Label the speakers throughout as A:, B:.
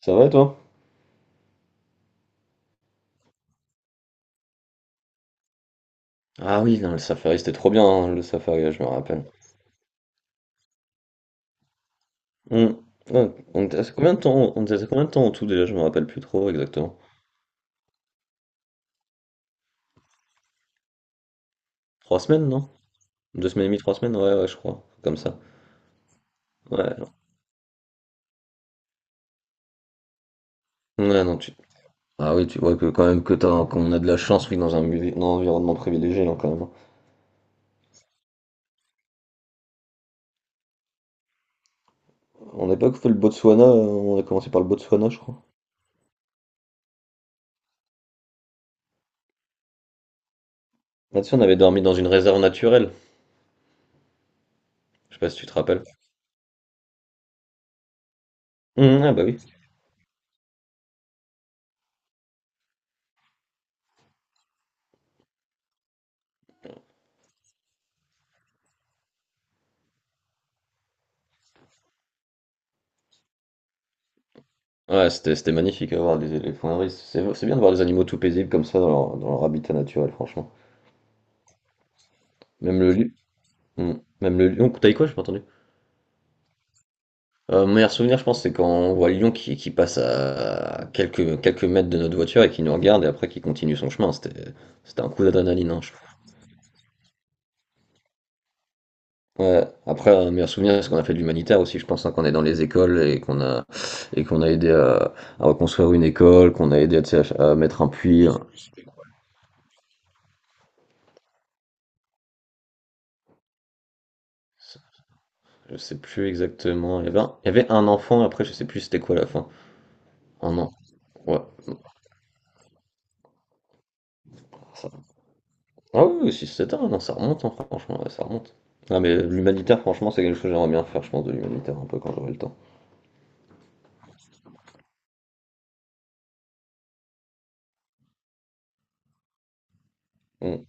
A: Ça va toi? Ah oui, non, le Safari c'était trop bien, hein, le Safari, je me rappelle. On, ouais, on était à combien de temps, on était à combien de temps en tout déjà, je me rappelle plus trop exactement. Trois semaines, non? Deux semaines et demie, trois semaines, ouais, ouais, je crois. Comme ça. Ouais, non. Ouais, non, tu... Ah oui, tu vois que quand même que t'as, qu'on a de la chance, oui, dans un environnement privilégié, là, quand même. On n'a pas fait le Botswana, on a commencé par le Botswana, je crois. Là-dessus, on avait dormi dans une réserve naturelle. Je sais pas si tu te rappelles. Ah bah oui. Ouais, c'était magnifique à voir les éléphants à risque. C'est bien de voir des animaux tout paisibles comme ça dans leur habitat naturel, franchement. Même le lion. Hmm. Même le lion. T'as dit quoi, j'ai pas entendu? Mon meilleur souvenir, je pense, c'est quand on voit le lion qui passe à quelques mètres de notre voiture et qui nous regarde et après qui continue son chemin. C'était un coup d'adrénaline, hein, je trouve. Ouais, après, un meilleur souvenir, c'est qu'on a fait de l'humanitaire aussi, je pense, hein, qu'on est dans les écoles et qu'on a aidé à reconstruire une école, qu'on a aidé tu sais, à mettre un puits. Hein. Je sais plus exactement. Il y avait un enfant, après je sais plus c'était quoi la fin. Un an. Ouais. Ça- Ah oui, 6-7 ans, non, ça remonte, hein, franchement, ouais, ça remonte. Ah mais l'humanitaire, franchement, c'est quelque chose que j'aimerais bien faire, je pense, de l'humanitaire un peu quand j'aurai le temps. Mm.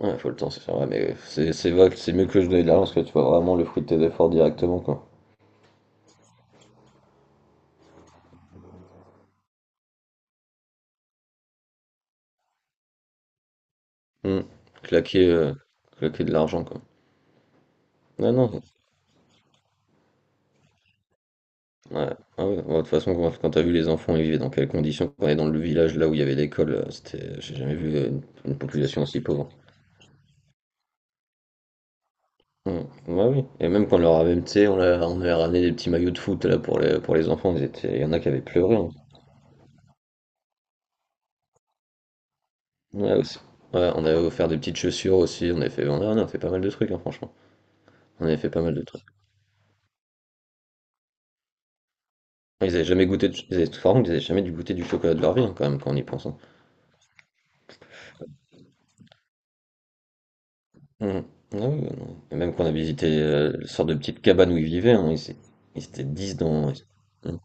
A: Ouais, faut le temps, c'est sûr, ouais, mais c'est vrai que c'est mieux que je donne de l'argent parce que tu vois vraiment le fruit de tes efforts directement, quoi. Mm. Claquer, euh, claquer de l'argent, quoi. Non, non, ouais. Ah ouais, ouais, de toute façon, quand t'as vu les enfants, ils vivaient dans quelles conditions, quand on est dans le village là où il y avait l'école, c'était, j'ai jamais vu une population aussi pauvre. Mm. Ouais, oui. Et même quand on leur avait, tu sais, on avait ramené des petits maillots de foot là pour les enfants, il y en a qui avaient pleuré. Hein. Ouais, aussi. Ouais, on avait offert des petites chaussures aussi, on avait fait, on a fait pas mal de trucs, hein, franchement. On avait fait pas mal de trucs. Par contre, ils avaient jamais dû goûter du chocolat de leur vie, hein, quand même, quand on y pense. Hein. Mm. Ah oui, ouais, non. Et même quand on a visité une sorte de petite cabane où ils vivaient, hein, ils étaient 10 dans. Mm.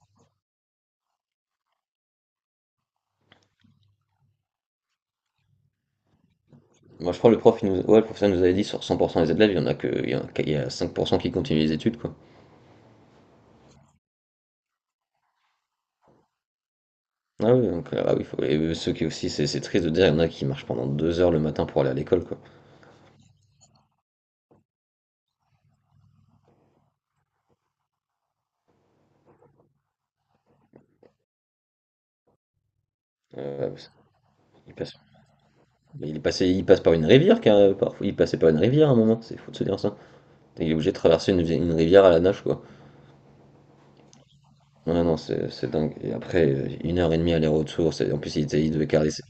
A: Moi, je crois que le professeur nous avait dit sur 100% des élèves, il y en a que, il y en a, il y a 5% qui continuent les études, quoi. Ah oui, donc, ah oui, et ceux qui aussi, c'est triste de dire, il y en a qui marchent pendant 2 heures le matin pour aller à l'école, quoi. Euh, il passe, il est passé- il passe par une rivière, car, parfois, il passait par une rivière à un moment, c'est fou de se dire ça. Il est obligé de traverser une rivière à la nage, quoi. Ouais, non, c'est dingue. Et après, une heure et demie aller-retour, en plus, ils devaient caler.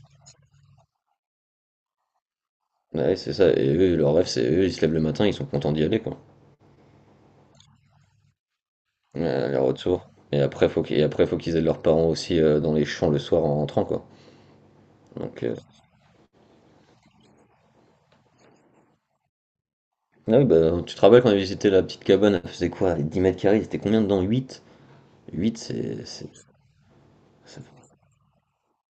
A: Ouais, c'est ça, et eux, leur rêve, c'est eux, ils se lèvent le matin, ils sont contents d'y aller, quoi. Ouais, aller-retour. Et après, faut qu'ils aident leurs parents aussi dans les champs le soir en rentrant, quoi. Donc, euh, Ah oui, bah, tu te rappelles quand on avait visité la petite cabane, elle faisait quoi? 10 mètres carrés, c'était combien dedans? Huit ça-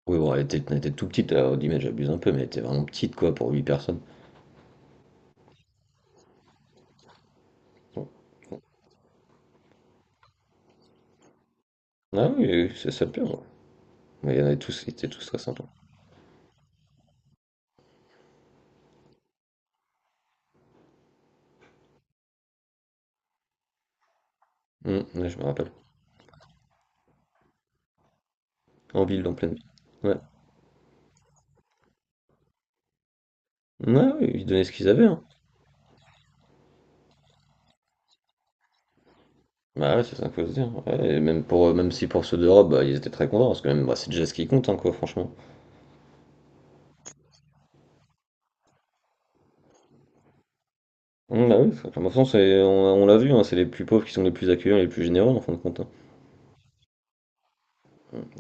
A: Oui, bon, elle était tout petite, alors 10 mètres, j'abuse un peu, mais elle était vraiment petite, quoi, pour 8 personnes. Bon. Ah oui, oui, oui, c'est ça le pire, ouais. Mais il y en avait tous, ils étaient tous très sympas. Ouais, je me rappelle. En ville, en pleine ville. Ouais. Ouais, oui, ils donnaient ce qu'ils avaient, hein. Bah ouais, c'est ça qu'il faut se dire. Ouais, et même pour, même si pour ceux d'Europe, bah, ils étaient très contents, parce que même, bah, c'est déjà ce qui compte, hein, quoi, franchement. Bah oui, de toute façon, on l'a vu, hein, c'est les plus pauvres qui sont les plus accueillants, les plus généreux, en fin de compte. Hein.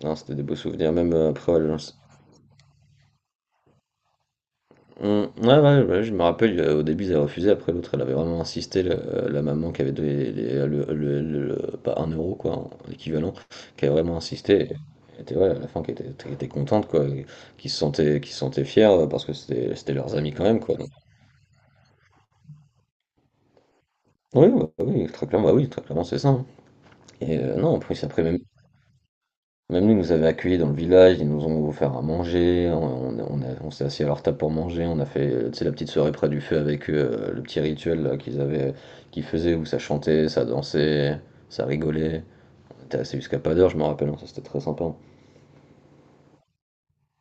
A: Non, c'était des beaux souvenirs, même après à l'agence. Ouais, ouais, ouais, je me rappelle, au début ils avaient refusé, après l'autre elle avait vraiment insisté, la maman qui avait donné pas un euro quoi, l'équivalent, qui avait vraiment insisté, et elle était, ouais, à la fin qui était contente quoi, et qui se sentait fière parce que c'était leurs amis quand même quoi. Donc, oui, ouais, oui, très clairement, bah oui, très clairement c'est ça. Hein. Et non, en plus après même. Même nous, ils nous avaient accueillis dans le village, ils nous ont offert à manger, on s'est assis à leur table pour manger, tu sais la petite soirée près du feu avec eux, le petit rituel là qu'ils faisaient où ça chantait, ça dansait, ça rigolait. On était resté jusqu'à pas d'heure, je me rappelle, hein, ça c'était très sympa, hein.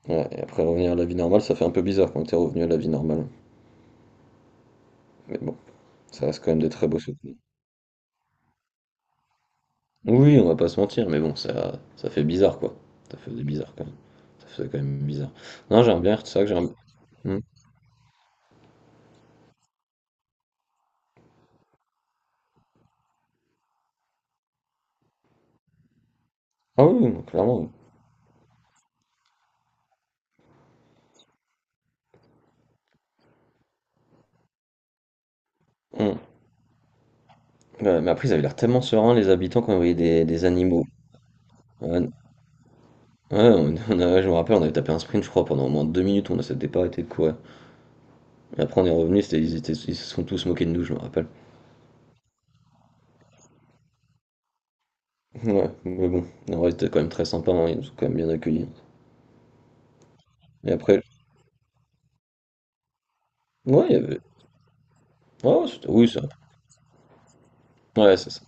A: Ouais et après revenir à la vie normale, ça fait un peu bizarre quand tu es revenu à la vie normale, mais bon, ça reste quand même des très beaux souvenirs. Oui, on va pas se mentir, mais bon ça fait bizarre quoi, ça faisait bizarre quand même, ça faisait quand même bizarre. Non, j'aime bien, c'est ça. Que j'aime mmh. Ah oui, oui, clairement, oui. Mmh. Ouais, mais après, ils avaient l'air tellement sereins, les habitants, quand ils voyaient des animaux. Ouais, ouais, je me rappelle, on avait tapé un sprint, je crois, pendant au moins 2 minutes, on ne s'était pas arrêté de courir. Et après, on est revenu, ils se sont tous moqués de nous, je me rappelle. Ouais, mais bon, en vrai, c'était quand même très sympa, hein, ils nous ont quand même bien accueillis. Et après, ouais, il y avait. Ouais, ouais, oui, c'est ça.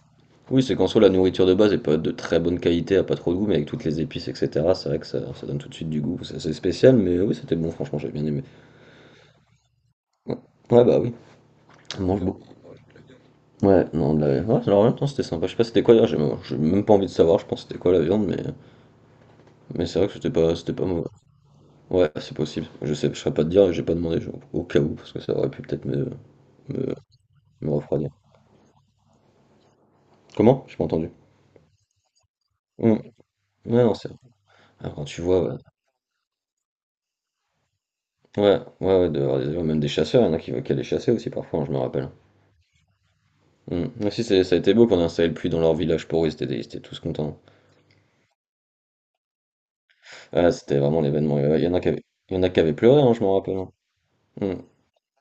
A: Oui, c'est qu'en soi, la nourriture de base est pas de très bonne qualité, a pas trop de goût, mais avec toutes les épices, etc., c'est vrai que ça donne tout de suite du goût. C'est assez spécial, mais oui, c'était bon, franchement, j'ai bien aimé. Ouais, ouais, bah oui, on mange beaucoup. Ouais, non, ouais, alors en même temps c'était sympa. Je sais pas c'était quoi d'ailleurs, j'ai même pas envie de savoir, je pense c'était quoi la viande, mais c'est vrai que c'était pas mauvais. Ouais, c'est possible. Je saurais pas te dire, j'ai pas demandé au cas où, parce que ça aurait pu peut-être me... me refroidir. Comment? J'ai pas entendu. Mm. Ouais, non, quand tu vois, ouais, ouais, ouais, ouais, d'avoir des même des chasseurs, il y en a qui allaient chasser aussi parfois, hein, je me rappelle. Mm. Mais si, ça a été beau qu'on a installé le puits dans leur village pour eux, ils étaient tous contents. Ah, c'était vraiment l'événement. Ouais, Il y en a qui avaient pleuré, hein, je me rappelle. Hein. Mm.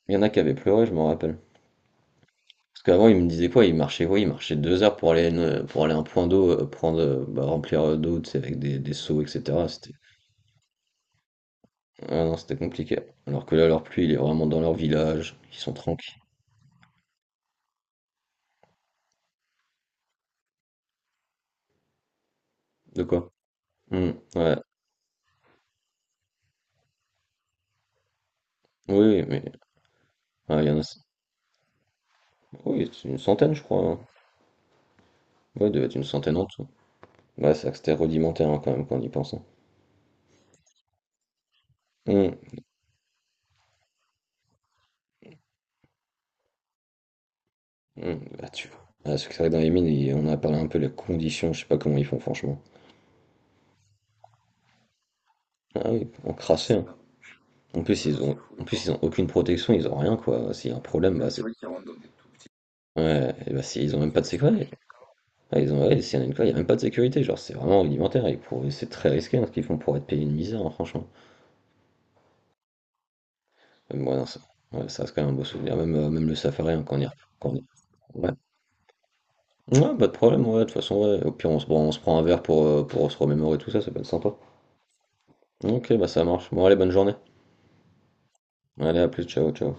A: Il y en a qui avaient pleuré, je me rappelle. Parce qu'avant, il me disait quoi? Il marchait quoi? Il marchait 2 heures pour aller, pour aller à un point d'eau, prendre, bah, remplir d'eau, tu sais, avec des seaux, etc. Ah non, c'était compliqué. Alors que là, leur pluie, il est vraiment dans leur village, ils sont tranquilles. De quoi? Hmm, ouais. Oui, oui, mais ouais, il y en a. Oui, c'est une centaine, je crois. Hein. Ouais, il devait être une centaine en tout. Ouais, c'est vrai que c'était rudimentaire hein, quand même quand on y pense. Hein. Hum, bah, tu vois. Ah, parce que c'est vrai que dans les mines, on a parlé un peu des conditions, je sais pas comment ils font franchement. Ah oui, encrassé, hein. En plus, ils ont aucune protection, ils ont rien, quoi. S'il y a un problème, ouais, bah, c'est. des... Ouais, et bah, si, ils ont même pas de sécurité. Ah, ils ont, ouais, s'il y en a une quoi, il y a même pas de sécurité. Genre, c'est vraiment rudimentaire. Et c'est très risqué hein, ce qu'ils font pour être payés une misère, hein, franchement. Même moi, non, ça, ouais, ça reste quand même un beau souvenir. Même, même le safari, hein, quand on y- Ouais. Ouais, pas de problème, ouais, de toute façon, ouais. Au pire, on se prend un verre pour se remémorer tout ça, ça peut être sympa. Ok, bah ça marche. Bon, allez, bonne journée. Allez, à plus, ciao, ciao.